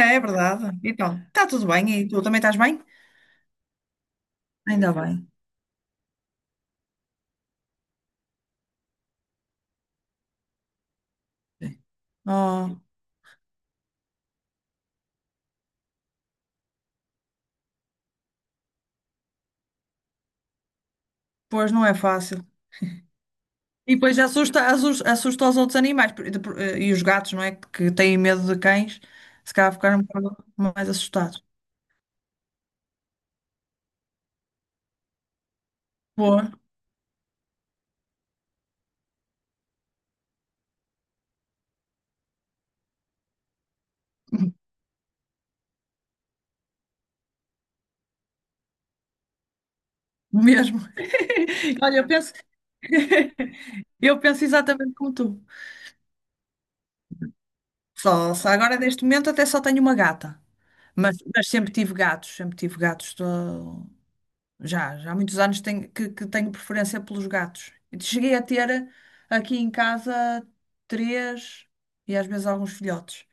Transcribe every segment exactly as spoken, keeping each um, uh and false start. É, é verdade. Então, está tudo bem e tu também estás bem? Ainda bem. Oh, pois não é fácil. E depois assusta, assus- assusta, os outros animais por- de- por- e os gatos, não é? Que têm medo de cães, se calhar ficaram um bocado mais assustados. Pô, mesmo. Olha, eu penso, eu penso exatamente como tu. Só, só agora, neste momento, até só tenho uma gata. Mas, mas sempre tive gatos, sempre tive gatos. Já, já há muitos anos tenho, que, que tenho preferência pelos gatos. Cheguei a ter eh, aqui em casa três e às vezes alguns filhotes.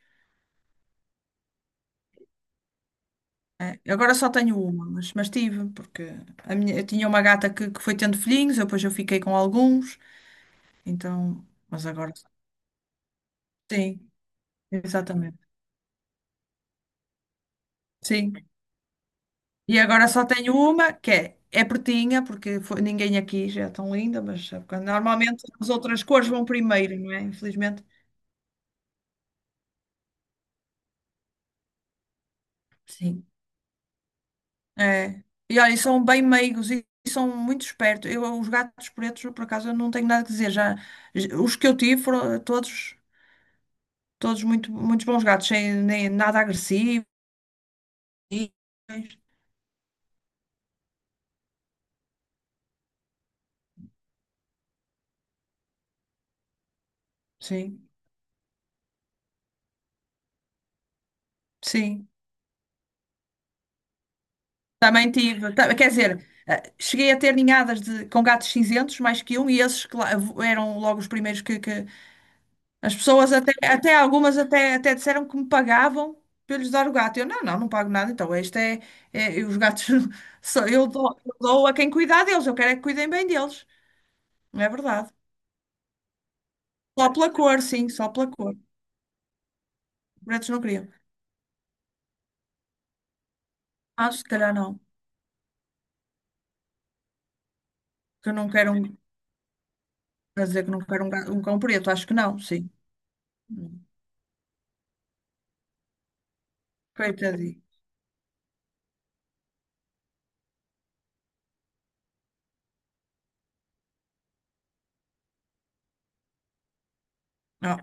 É, agora só tenho uma, mas, mas tive, porque a minha, eu tinha uma gata que, que foi tendo filhinhos, eu depois eu fiquei com alguns, então, mas agora sim, exatamente. Sim. E agora só tenho uma, que é, é pretinha, porque foi- ninguém aqui já é tão linda, mas sabe, quando- normalmente as outras cores vão primeiro, não é? Infelizmente. Sim. É. E olha, e são bem meigos e são muito espertos. Eu, os gatos pretos, por acaso, eu não tenho nada a dizer. Já, os que eu tive foram todos, todos muito, muitos bons gatos, sem nem, nada agressivo. e- Sim, sim. Também tive. ta- Quer dizer, eh, cheguei a ter ninhadas de, com gatos cinzentos, mais que um, e esses cla- eram logo os primeiros que, que, as pessoas até, até algumas até, até disseram que me pagavam para eu lhes dar o gato. Eu, não, não, não pago nada, então este é, é- os gatos, só- eu dou, eu dou a quem cuidar deles, eu quero é que cuidem bem deles, não é verdade? Só pela cor, sim, só pela cor. Pretos não queriam. Ah, se calhar não, que eu não quero um, quer dizer que não quero um, ga- um cão preto, acho que não, sim. Coitadinho. Não,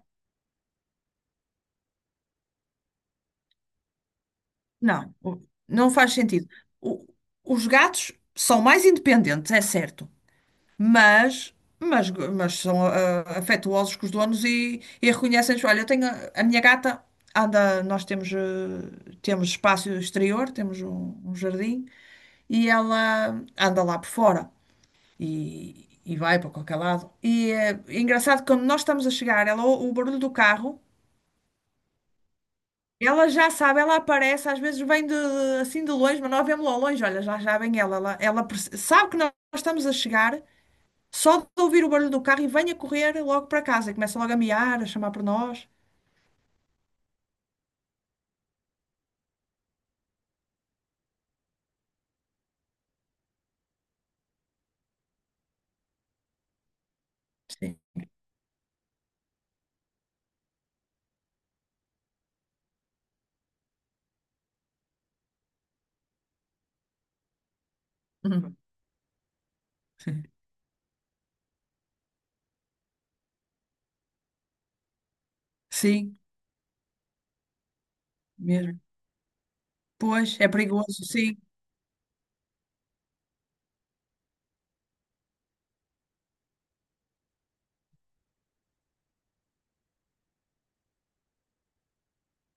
não, o- não faz sentido. O- os gatos são mais independentes, é certo. mas, mas, mas são ah, afetuosos com os donos e, e, reconhecem-nos. Olha, eu tenho a, a minha gata anda, nós temos, ah, temos espaço exterior, temos um, um jardim e ela anda lá por fora e, e vai para qualquer lado. E eh, é engraçado que quando nós estamos a chegar, ela, o, o barulho do carro. Ela já sabe, ela aparece, às vezes vem de, assim de longe, mas nós vemos lá ao longe, olha, já, já vem ela, ela, ela perce- sabe que nós estamos a chegar. Só de ouvir o barulho do carro e venha correr logo para casa. E começa logo a miar, a chamar por nós. Sim. Uhum. Sim, mesmo. Pois, é perigoso, sim,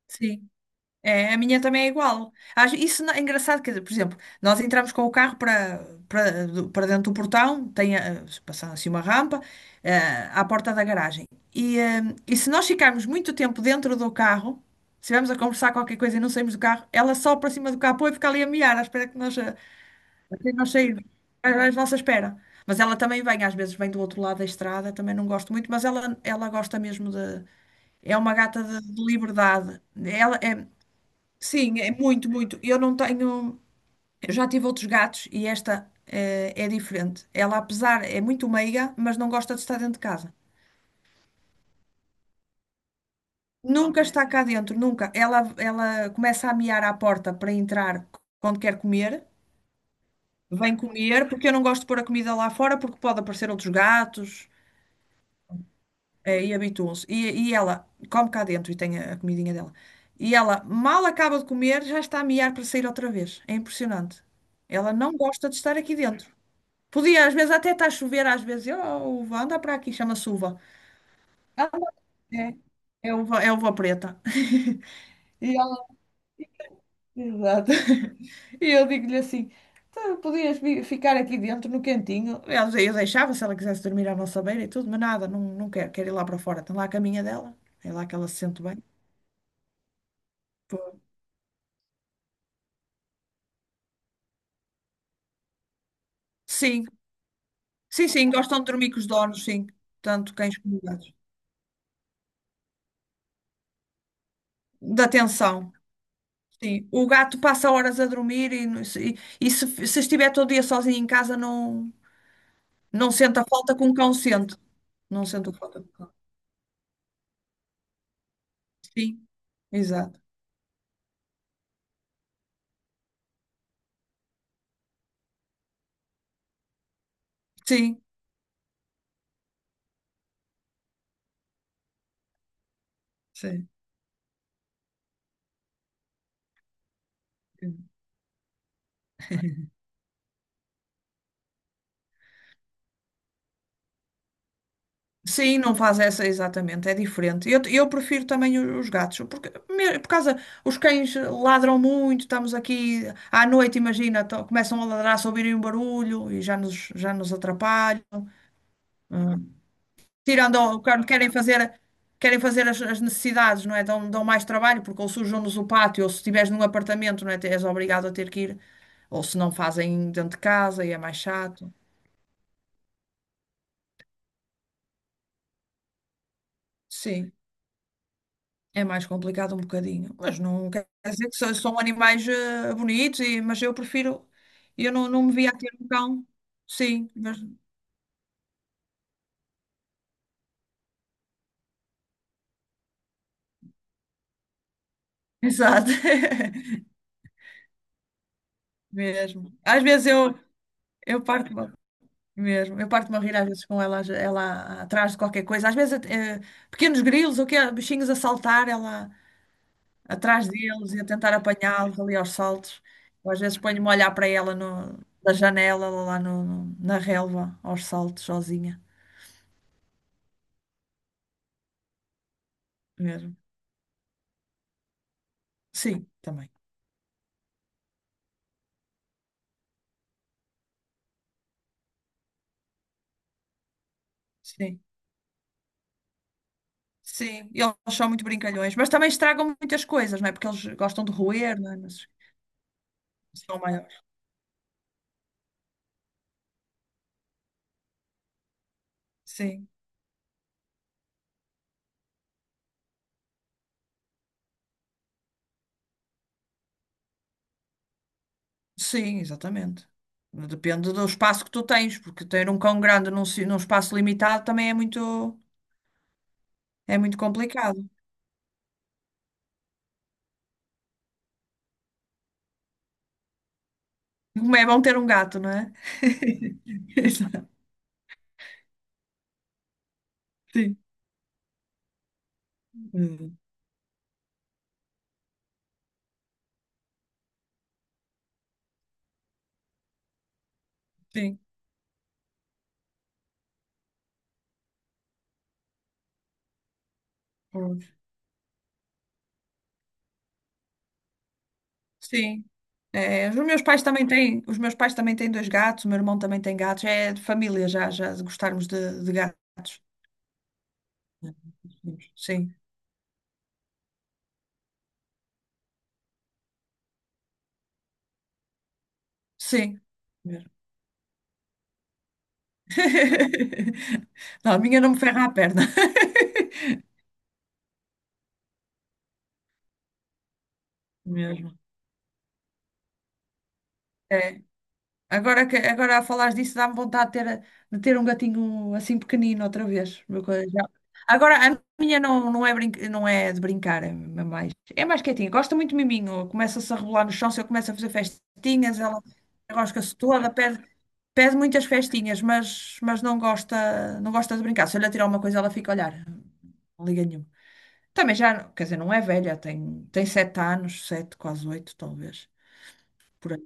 sim. É, a minha também é igual. Acho- Isso não- É engraçado, quer dizer, por exemplo, nós entramos com o carro para, para, do- para dentro do portão, tem a- passando assim uma rampa, eh, à porta da garagem. E, eh, e se nós ficarmos muito tempo dentro do carro, se estivermos a conversar qualquer coisa e não saímos do carro, ela só para cima do capô e fica ali a miar, à espera que nós eh, Assim nós saímos à à nossa espera. Mas ela também vem, às vezes vem do outro lado da estrada, também não gosto muito, mas ela, ela gosta mesmo de. É uma gata de, de liberdade. Ela é, sim, é muito, muito. Eu não tenho. Eu já tive outros gatos e esta eh, é, diferente. Ela, apesar, é muito meiga, mas não gosta de estar dentro de casa. Nunca. Ok. Está cá dentro, nunca. Ela, ela começa a miar à porta para entrar quando quer comer. Vem comer, porque eu não gosto de pôr a comida lá fora, porque pode aparecer outros gatos. eh, e habituam-se. E, e ela come cá dentro e tem a, a comidinha dela. E ela mal acaba de comer, já está a miar para sair outra vez. É impressionante. Ela não gosta de estar aqui dentro. Podia, às vezes, até está a chover, às vezes, oh, Uva, anda para aqui, chama-se Uva. Anda. É, é uva, é uva preta. E ela. Exato. E eu digo-lhe assim: "Tu podias vi- ficar aqui dentro no cantinho. Aliás, eu deixava se ela quisesse dormir à nossa beira e tudo, mas nada, não, não quero, quero ir lá para fora. Tem lá a caminha dela, é lá que ela se sente bem." Sim, sim, sim, gostam de dormir com os donos, sim, tanto cães como gatos. Da atenção, sim. O gato passa horas a dormir e, não- se, e se, se estiver todo dia sozinho em casa, não, não sente a falta que um cão sente. Não sente a falta do cão. Sim, exato. Sim, sim. Sim, não faz essa exatamente, é diferente. Eu, eu prefiro também o- os gatos, porque me- por causa os cães ladram muito, estamos aqui à noite, imagina, to- começam a ladrar se ouvirem um barulho e já nos, já nos atrapalham. Hum. Tirando o quando querem fazer, querem fazer, as, as necessidades, não é? Dão, dão mais trabalho, porque ou sujam-nos o pátio, ou se estiveres num apartamento, não é? Te- És obrigado a ter que ir, ou se não fazem dentro de casa e é mais chato. Sim. É mais complicado um bocadinho, mas não quer dizer que são, são animais eh, bonitos, e, mas eu prefiro, eu não, não me via a ter um cão, sim, mas, exato, mesmo. Às vezes eu, eu parto-me, mesmo, eu parto-me a rir às vezes com ela, ela atrás de qualquer coisa, às vezes eh, pequenos grilos ou quê, bichinhos a saltar, ela atrás deles e a tentar apanhá-los ali aos saltos, eu, às vezes ponho-me a olhar para ela no, da janela, lá no, no- na relva, aos saltos, sozinha, mesmo. Sim, também. Sim, sim. E eles são muito brincalhões, mas também estragam muitas coisas, não é? Porque eles gostam de roer, não é? Mas são maiores. Sim, sim, exatamente. Depende do espaço que tu tens, porque ter um cão grande num, si- num espaço limitado também é muito, é muito complicado. Como é bom ter um gato, não é? Exato. Sim. Hum. Sim. Pois. Sim. É, os meus pais também têm, os meus pais também têm dois gatos, o meu irmão também tem gatos, é de família já, já de gostarmos de, de gatos. Sim, sim. Mesmo. Não, a minha não me ferra a perna. Mesmo. É. Agora, que, agora a falar disso dá-me vontade de ter, de ter, um gatinho assim pequenino outra vez. Uma coisa já- Agora, a minha não, não é brin- não é de brincar, é mais, é mais quietinha. Gosta muito de miminho, começa-se a rebolar no chão, se eu começo a fazer festinhas, ela rosca-se toda, pede, pede muitas festinhas, mas, mas não gosta, não gosta de brincar. Se eu lhe atirar uma coisa, ela fica a olhar. Não liga nenhuma. Também já, quer dizer, não é velha, tem, tem sete anos, sete, quase oito, talvez, por aí.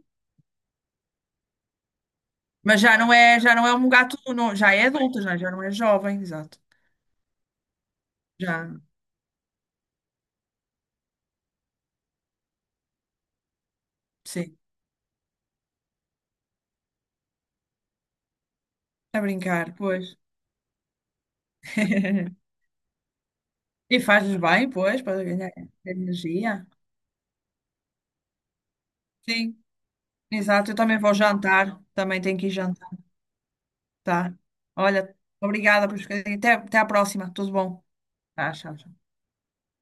Mas já não é, já não é um gato, não, já é adulto, já, já não é jovem, exato. Já, sim, a brincar, pois. E fazes bem, pois, para ganhar energia. Sim, exato, eu também vou jantar, também tenho que ir jantar, tá? Olha, obrigada por. Até, até à próxima, tudo bom? Tá, tchau, tchau.